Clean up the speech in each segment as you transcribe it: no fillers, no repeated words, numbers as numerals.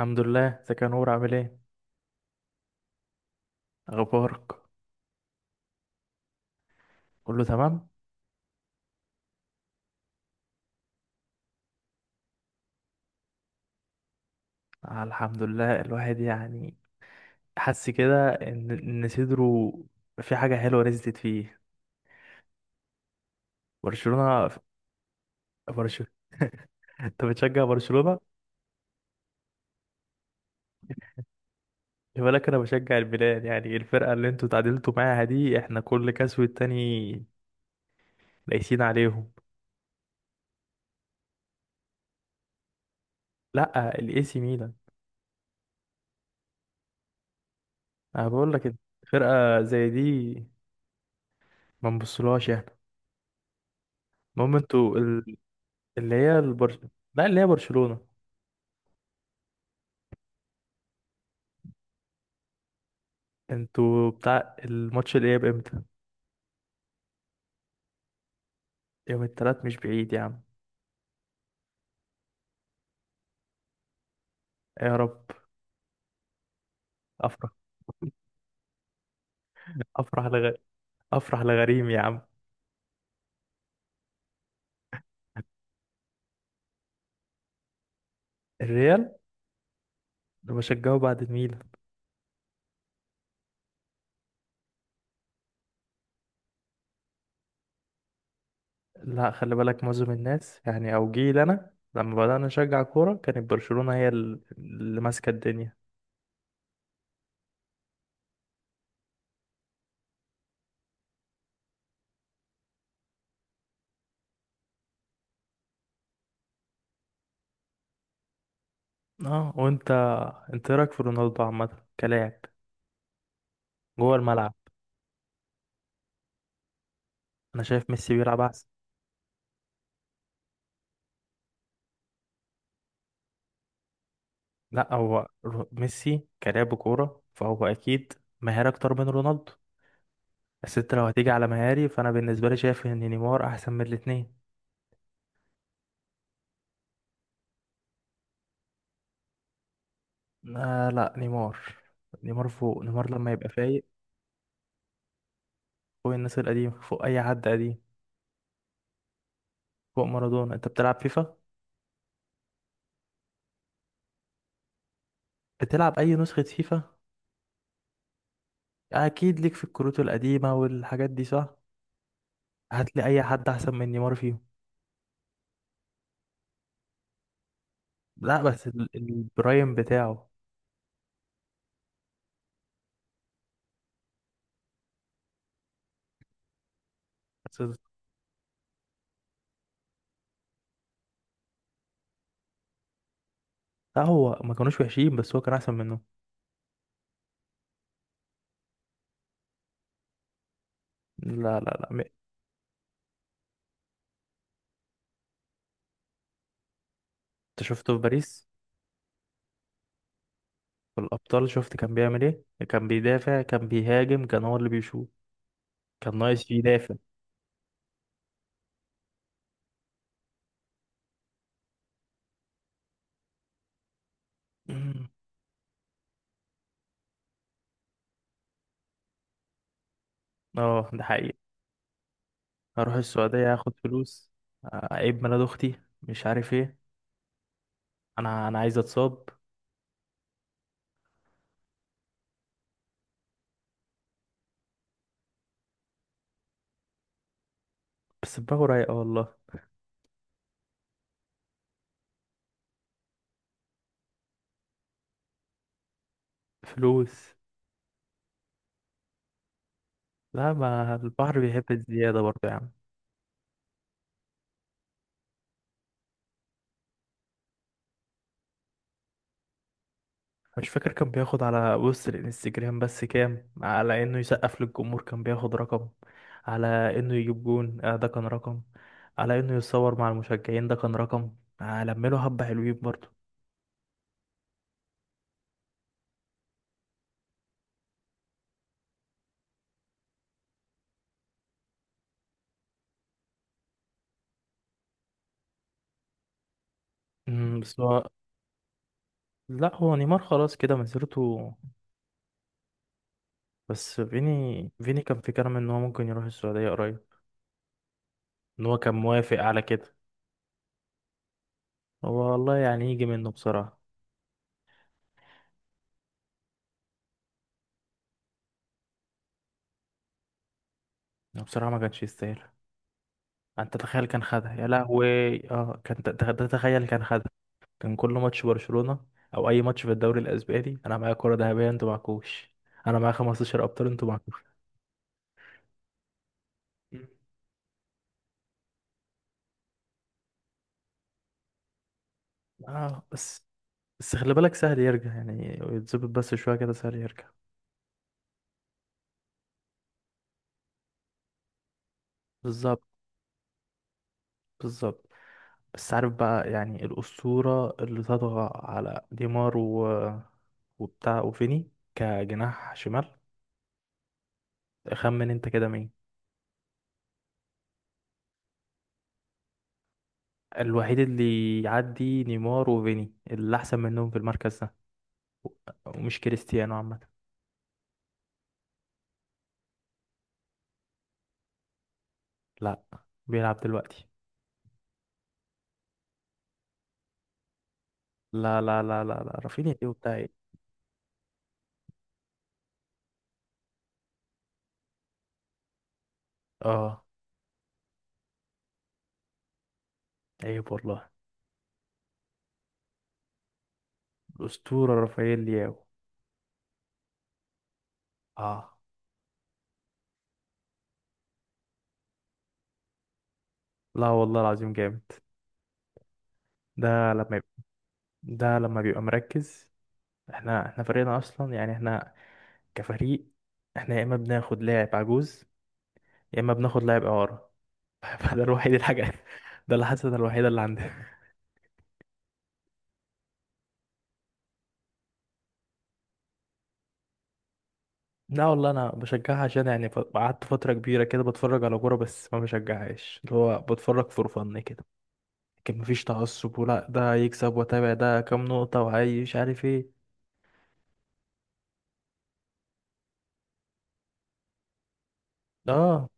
الحمد لله، ازيك يا نور؟ عامل ايه؟ اخبارك؟ كله تمام. آه، الحمد لله، الواحد يعني حس كده ان صدره في حاجه حلوه نزلت فيه. برشلونه. برشلونه. انت بتشجع برشلونه؟ خلي بالك انا بشجع الميلان، يعني الفرقه اللي انتوا تعادلتوا معاها دي احنا كل كاس والتاني قايسين عليهم. لا، الاي سي ميلان. انا بقول لك فرقه زي دي ما نبصلهاش احنا. المهم انتوا اللي هي لا، اللي هي برشلونه. انتوا بتاع الماتش الاياب امتى؟ يوم التلات مش بعيد يا عم. يا رب. افرح. افرح افرح لغريم يا عم. الريال ده بشجعه بعد الميلان. لا، خلي بالك معظم الناس يعني، او جيل انا لما بدأنا نشجع كورة كانت برشلونة هي اللي ماسكة الدنيا. اه، وانت إيه رايك في رونالدو عامة؟ كلاعب جوه الملعب، انا شايف ميسي بيلعب احسن. لا هو ميسي كلاعب كورة فهو اكيد ماهر اكتر من رونالدو. بس انت لو هتيجي على مهاري فانا بالنسبه لي شايف ان نيمار احسن من الاثنين. آه لا، نيمار، نيمار فوق، نيمار لما يبقى فايق فوق الناس القديمه، فوق اي حد قديم، فوق مارادونا. انت بتلعب فيفا؟ بتلعب اي نسخه فيفا؟ اكيد ليك في الكروت القديمه والحاجات دي صح؟ هتلاقي اي حد احسن من نيمار فيهم؟ لا بس البرايم بتاعه. بس لا، هو ما كانوش وحشين بس هو كان احسن منهم. لا، لا، لا، انت شفته في باريس؟ في الابطال شفت كان بيعمل ايه؟ كان بيدافع، كان بيهاجم، كان هو اللي بيشوط. كان ناقص فيه دافع. مم. اه، ده حقيقي. هروح السعودية هاخد فلوس، اعيب ميلاد اختي، مش عارف ايه. انا عايز اتصاب. بس دماغه رايقة والله. فلوس. لا، ما البحر بيحب الزيادة برضه يا عم. مش فاكر كان بياخد على بص الانستجرام بس كام، على انه يسقف للجمهور كان بياخد رقم، على انه يجيب جون آه ده كان رقم، على انه يتصور مع المشجعين ده كان رقم. آه، لمله حبة حلوين برضه. بس هو، لا، هو نيمار خلاص كده مسيرته. بس فيني كان في كلام ان هو ممكن يروح السعودية قريب. ان هو كان موافق على كده. هو والله يعني يجي منه بصراحة. يعني بصراحة ما كانش يستاهل يعني. انت تخيل كان خدها؟ يا لهوي. اه كان تخيل كان خدها. كان كل ماتش برشلونة او اي ماتش في الدوري الاسباني انا معايا كرة ذهبية انتوا معكوش. انا معايا 15 ابطال انتوا معكوش. مم. اه بس خلي بالك سهل يرجع يعني، يتظبط بس شوية كده سهل يرجع. بالظبط. بالظبط. بس عارف بقى يعني الأسطورة اللي تطغى على ديمار وبتاع وفيني كجناح شمال؟ خمن انت كده مين. الوحيد اللي يعدي نيمار وفيني اللي أحسن منهم في المركز ده، و- ومش كريستيانو عامة. لا، بيلعب دلوقتي. لا، لا، لا، لا، لا، رافينيا ايه وبتاع ايه. اه، عيب والله. الأسطورة رافائيل لياو. اه لا، والله العظيم جامد. ده لما يبقى ده لما بيبقى مركز، احنا فريقنا اصلا يعني احنا، كفريق، احنا يا اما بناخد لاعب عجوز يا اما بناخد لاعب اعاره. فده الوحيد الحاجه، ده الحسنه الوحيده اللي عندنا. لا والله انا بشجعها عشان يعني قعدت فتره كبيره كده بتفرج على كوره بس ما بشجعهاش، اللي هو بتفرج فور فن كده. لكن مفيش تعصب ولا ده يكسب واتابع ده كام نقطه وعايز مش عارف ايه. اه.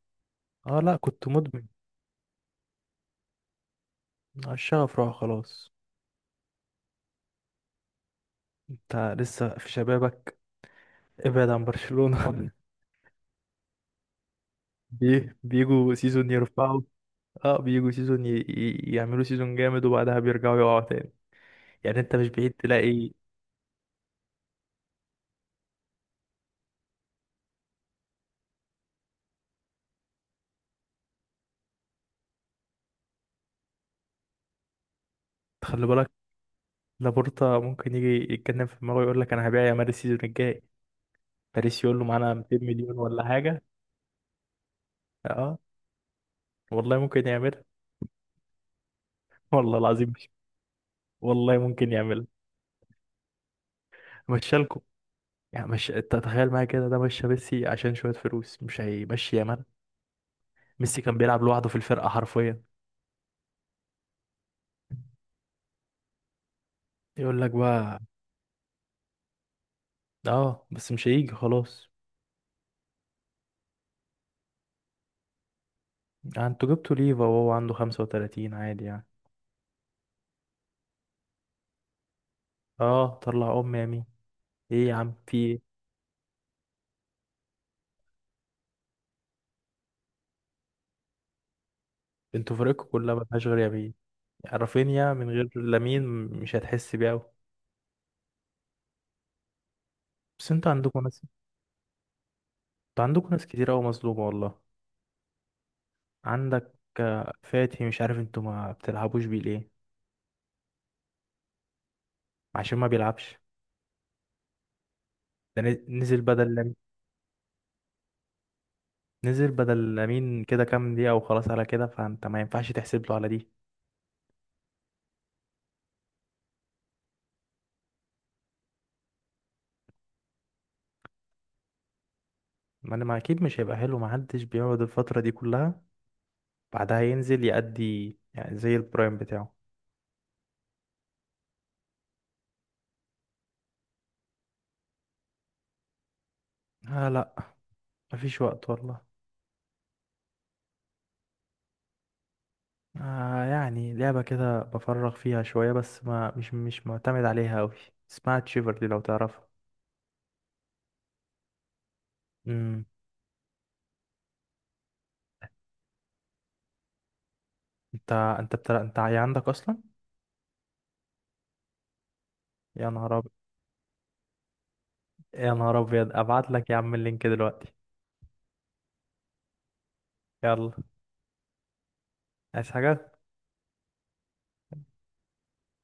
اه لا، كنت مدمن. الشغف راح خلاص. انت لسه في شبابك، ابعد عن برشلونه. بيجوا سيزون يرفعوا. اه، بيجوا سيزون يعملوا سيزون جامد وبعدها بيرجعوا يقعوا تاني. يعني انت مش بعيد تلاقي. خلي بالك لابورتا ممكن يجي يتكلم في دماغه يقول لك انا هبيع يا ماري، السيزون الجاي باريس يقول له معانا 200 مليون ولا حاجه. اه والله ممكن يعملها. والله العظيم مش، والله ممكن يعملها. مشالكوا. يعني مش انت تخيل معايا كده، ده مشى ميسي عشان شويه فلوس مش هيمشي يا مال. ميسي كان بيلعب لوحده في الفرقه حرفيا. يقول لك بقى. اه بس مش هيجي خلاص. يعني انتوا جبتوا ليفا وهو عنده 35 عادي يعني. اه، طلع ام يمين. ايه يا عم في ايه. انتوا فرقكم كلها ملهاش غير يمين. رافينيا من غير لامين مش هتحس بيه اوي. بس انتوا عندكم ناس، كتير اوي مظلومه والله. عندك، فاتي، مش عارف انتوا ما بتلعبوش بيه ليه. عشان ما بيلعبش. ده نزل بدل لامين. نزل بدل لامين كده كام دقيقه وخلاص، على كده فانت ما ينفعش تحسب له على دي. ما انا ما اكيد مش هيبقى حلو، ما حدش بيقعد الفتره دي كلها بعدها ينزل يأدي يعني زي البرايم بتاعه. آه لا، مفيش وقت والله. آه يعني لعبة كده بفرغ فيها شوية بس ما مش مش معتمد عليها أوي. اسمها تشيفرلي لو تعرفها. امم. انت عندك اصلا؟ يا نهار ابيض. يا نهار ابيض، ابعت لك يا عم اللينك دلوقتي. يلا. عايز حاجة؟